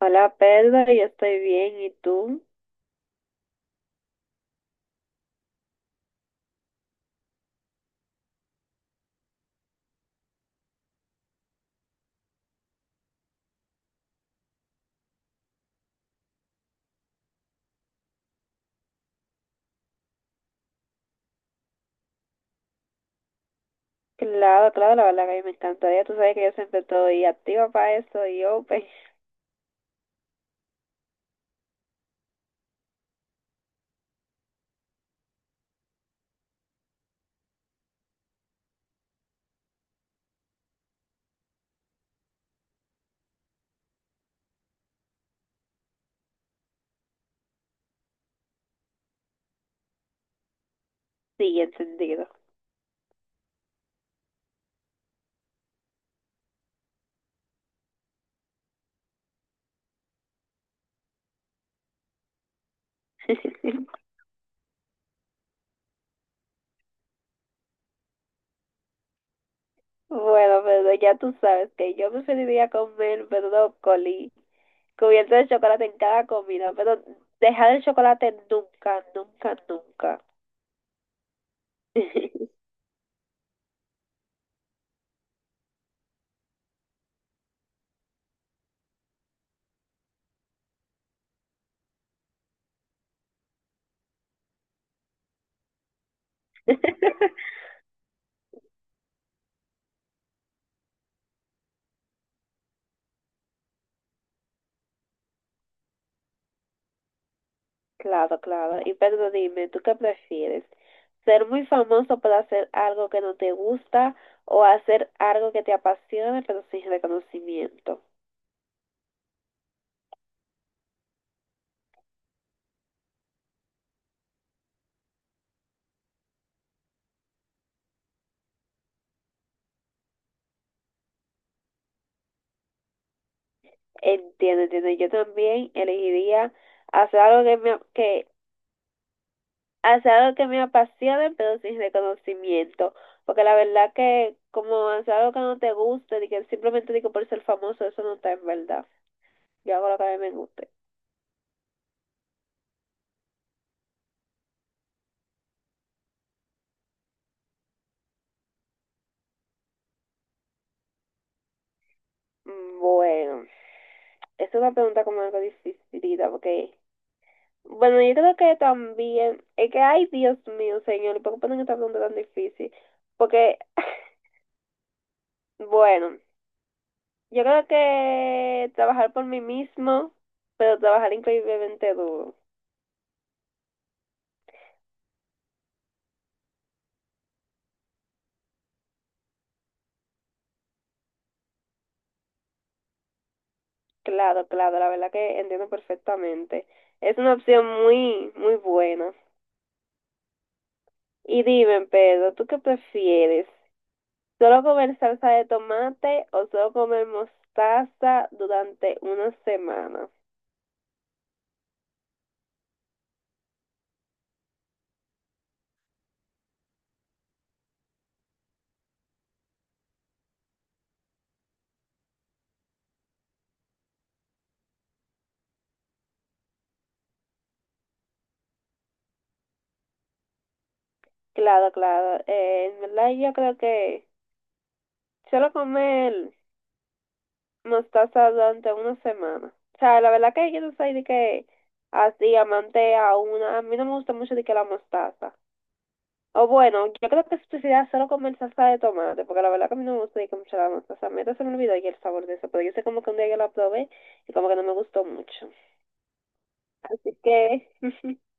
Hola Pedro, yo estoy bien, ¿y tú? Claro, claro, la verdad que a mí me encantaría, tú sabes que yo siempre estoy activa para eso y open, sí, encendido. Bueno, Pedro, ya tú sabes que yo preferiría comer brócoli cubierto de chocolate en cada comida, pero dejar el chocolate nunca, nunca, nunca. Claro, claro. Y Pedro, dime, ¿tú qué prefieres? ¿Ser muy famoso por hacer algo que no te gusta o hacer algo que te apasione pero sin reconocimiento? Entiendo, entiendo. Yo también elegiría hacer algo que me, que, hacer algo que me apasione, pero sin reconocimiento. Porque la verdad que como hacer algo que no te guste, de que simplemente digo por ser famoso, eso no está en verdad. Yo hago lo que a mí me guste. Mm, bueno, es una pregunta como algo dificilita, porque, bueno, yo creo que también, es que, ay, Dios mío, señor, ¿por qué ponen esta pregunta tan difícil? Porque, bueno, yo creo que trabajar por mí mismo, pero trabajar increíblemente duro. Claro, claro, la verdad que entiendo perfectamente. Es una opción muy, muy buena. Y dime, Pedro, ¿tú qué prefieres? Solo comer salsa de tomate o solo comer mostaza durante una semana. Claro, claro. En verdad yo creo que solo comer mostaza durante una semana. O sea, la verdad que yo no soy de que así amante a una. A mí no me gusta mucho de que la mostaza. O bueno, yo creo que especialidad solo comer salsa de tomate, porque la verdad que a mí no me gusta de que mucho la mostaza. A mí hasta se me olvidó ya el sabor de eso, pero yo sé como que un día yo la probé y como que no me gustó mucho. Así que...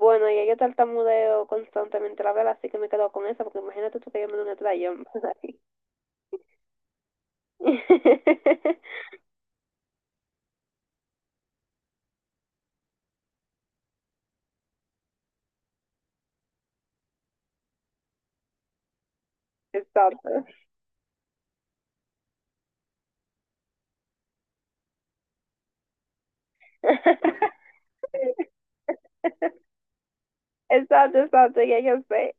Bueno, y yo tartamudeo constantemente la vela, así que me quedo con esa, porque imagínate tú que yo me doy una trayón. Exacto. Exacto, exacto, ya yo sé.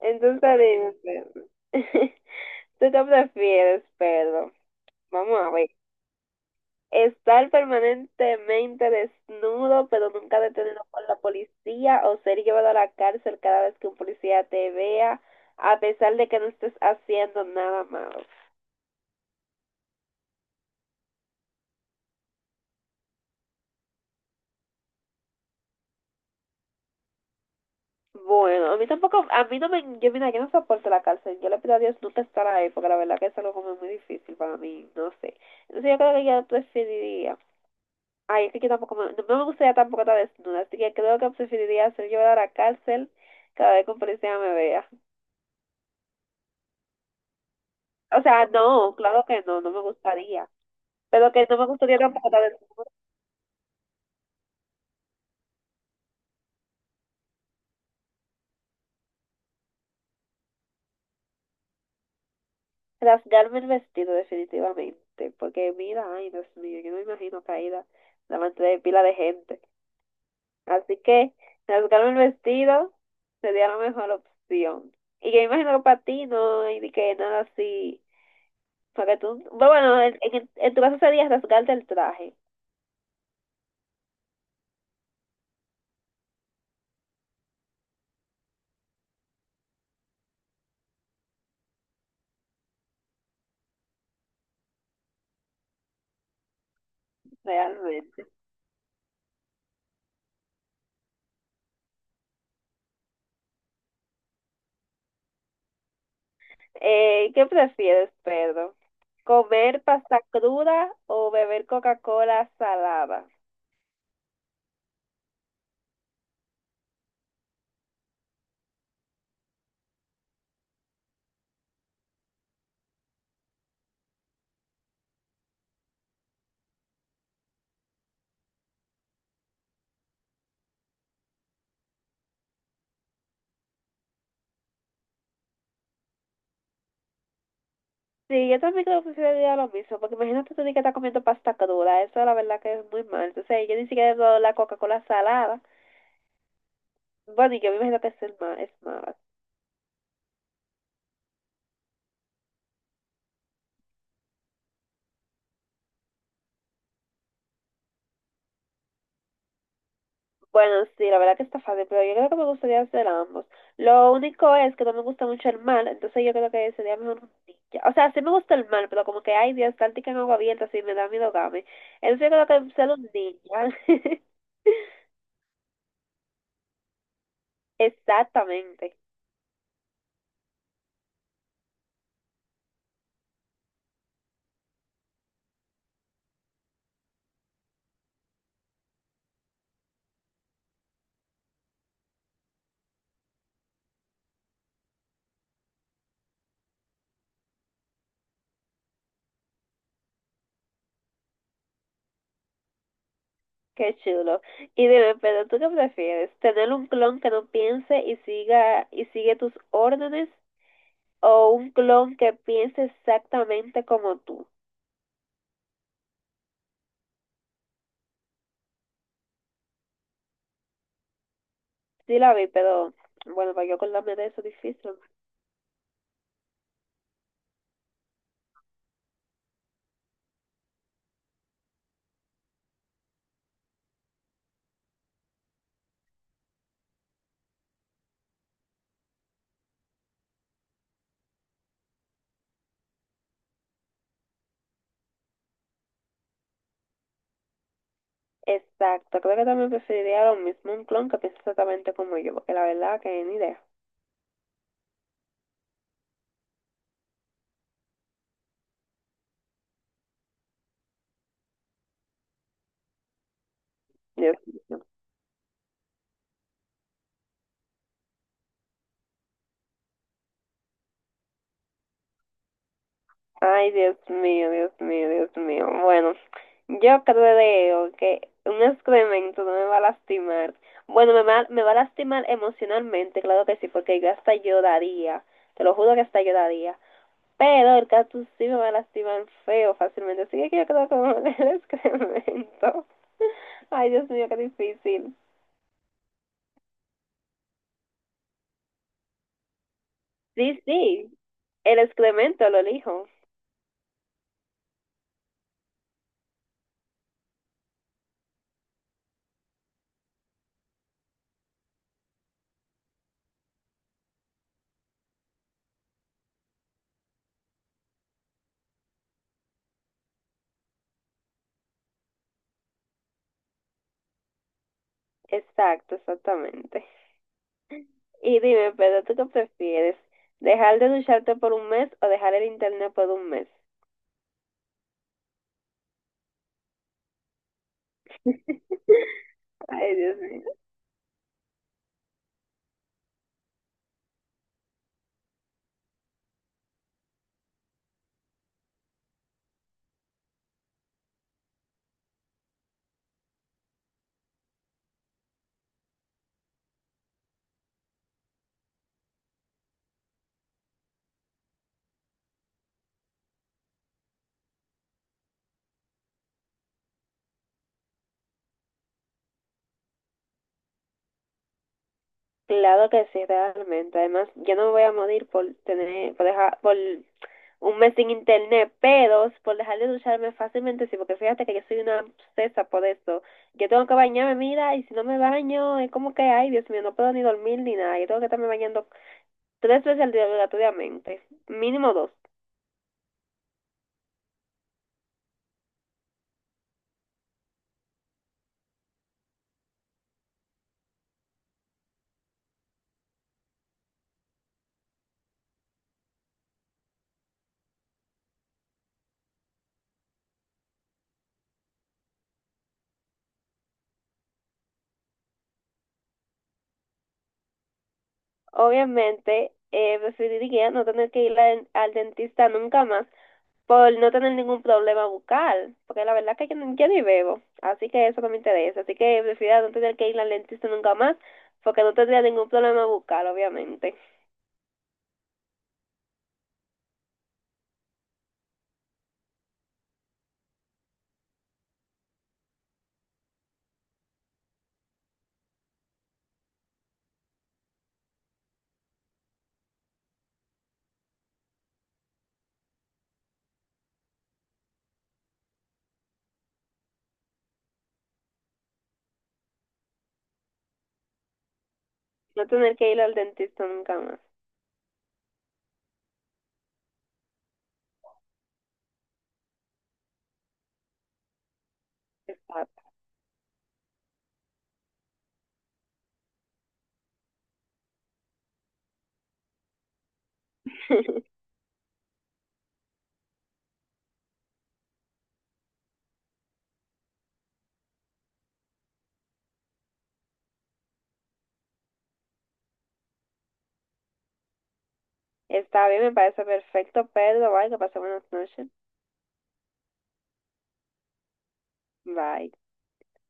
Entonces, dime, ¿tú te prefieres, Pedro? Vamos a ver. Estar permanentemente desnudo, pero nunca detenido por la policía, o ser llevado a la cárcel cada vez que un policía te vea, a pesar de que no estés haciendo nada malo. Bueno, a mí tampoco, a mí no me, yo mira, yo no soporto la cárcel, yo le pido a Dios nunca estar ahí, porque la verdad que es algo como muy difícil para mí, no sé. Entonces yo creo que yo preferiría, ay, es que yo tampoco, no me gustaría tampoco estar desnuda, así que creo que preferiría ser llevada a la cárcel cada vez que un policía me vea. O sea, no, claro que no, no me gustaría, pero que no me gustaría tampoco estar desnuda, rasgarme el vestido definitivamente, porque mira, ay, Dios mío, yo no me imagino caída delante de pila de gente. Así que resultaron el vestido sería la mejor opción. Y yo imagino que para ti no hay ni que nada así. Para que tú, bueno, en tu caso sería rasgarte el traje, realmente. ¿qué prefieres, Pedro? ¿Comer pasta cruda o beber Coca-Cola salada? Sí, yo también creo que sería lo mismo, porque imagínate tú di que estás comiendo pasta cruda, eso la verdad que es muy mal. Entonces, yo ni siquiera he probado la Coca-Cola salada. Bueno, y yo me imagino que es, es mala. Bueno, sí, la verdad que está fácil, pero yo creo que me gustaría hacer ambos. Lo único es que no me gusta mucho el mal, entonces yo creo que sería mejor un ninja. O sea, sí me gusta el mal, pero como que hay Dios, táctica en agua abierta, así me da miedo game. Entonces yo creo que ser un ninja. Exactamente. Qué chulo. Y dime, pero ¿tú qué prefieres? ¿Tener un clon que no piense y siga y sigue tus órdenes o un clon que piense exactamente como tú? Sí la vi, pero bueno, para yo acordarme de eso es difícil. Exacto, creo que también preferiría lo mismo un clon que piense exactamente como yo, porque la verdad que ni idea. Dios mío. Ay, Dios mío, Dios mío, Dios mío. Bueno, yo creo que un excremento no me va a lastimar. Bueno, me va a lastimar emocionalmente, claro que sí, porque yo hasta lloraría. Te lo juro que hasta lloraría. Pero el cactus sí me va a lastimar feo fácilmente, así que yo creo que me va a dar el excremento. Ay, Dios mío, qué difícil. Sí, sí, el excremento lo elijo. Exacto, exactamente. Y dime, Pedro, ¿tú qué prefieres? ¿Dejar de ducharte por un mes o dejar el internet por un mes? Ay, Dios mío. Claro que sí, realmente. Además, yo no me voy a morir por tener, por dejar, por un mes sin internet, pero por dejar de ducharme fácilmente, sí, porque fíjate que yo soy una obsesa por eso. Yo tengo que bañarme, mira, y si no me baño, es como que, ay, Dios mío, no puedo ni dormir ni nada. Yo tengo que estarme bañando tres veces al día obligatoriamente, mínimo dos. Obviamente, preferiría no tener que ir al dentista nunca más por no tener ningún problema bucal, porque la verdad es que yo, yo ni bebo, así que eso no me interesa, así que prefiero no tener que ir al dentista nunca más, porque no tendría ningún problema bucal, obviamente. No tener que ir al dentista nunca más. Exacto. Está bien, me parece perfecto, Pedro. Bye, que pase buenas noches. Bye.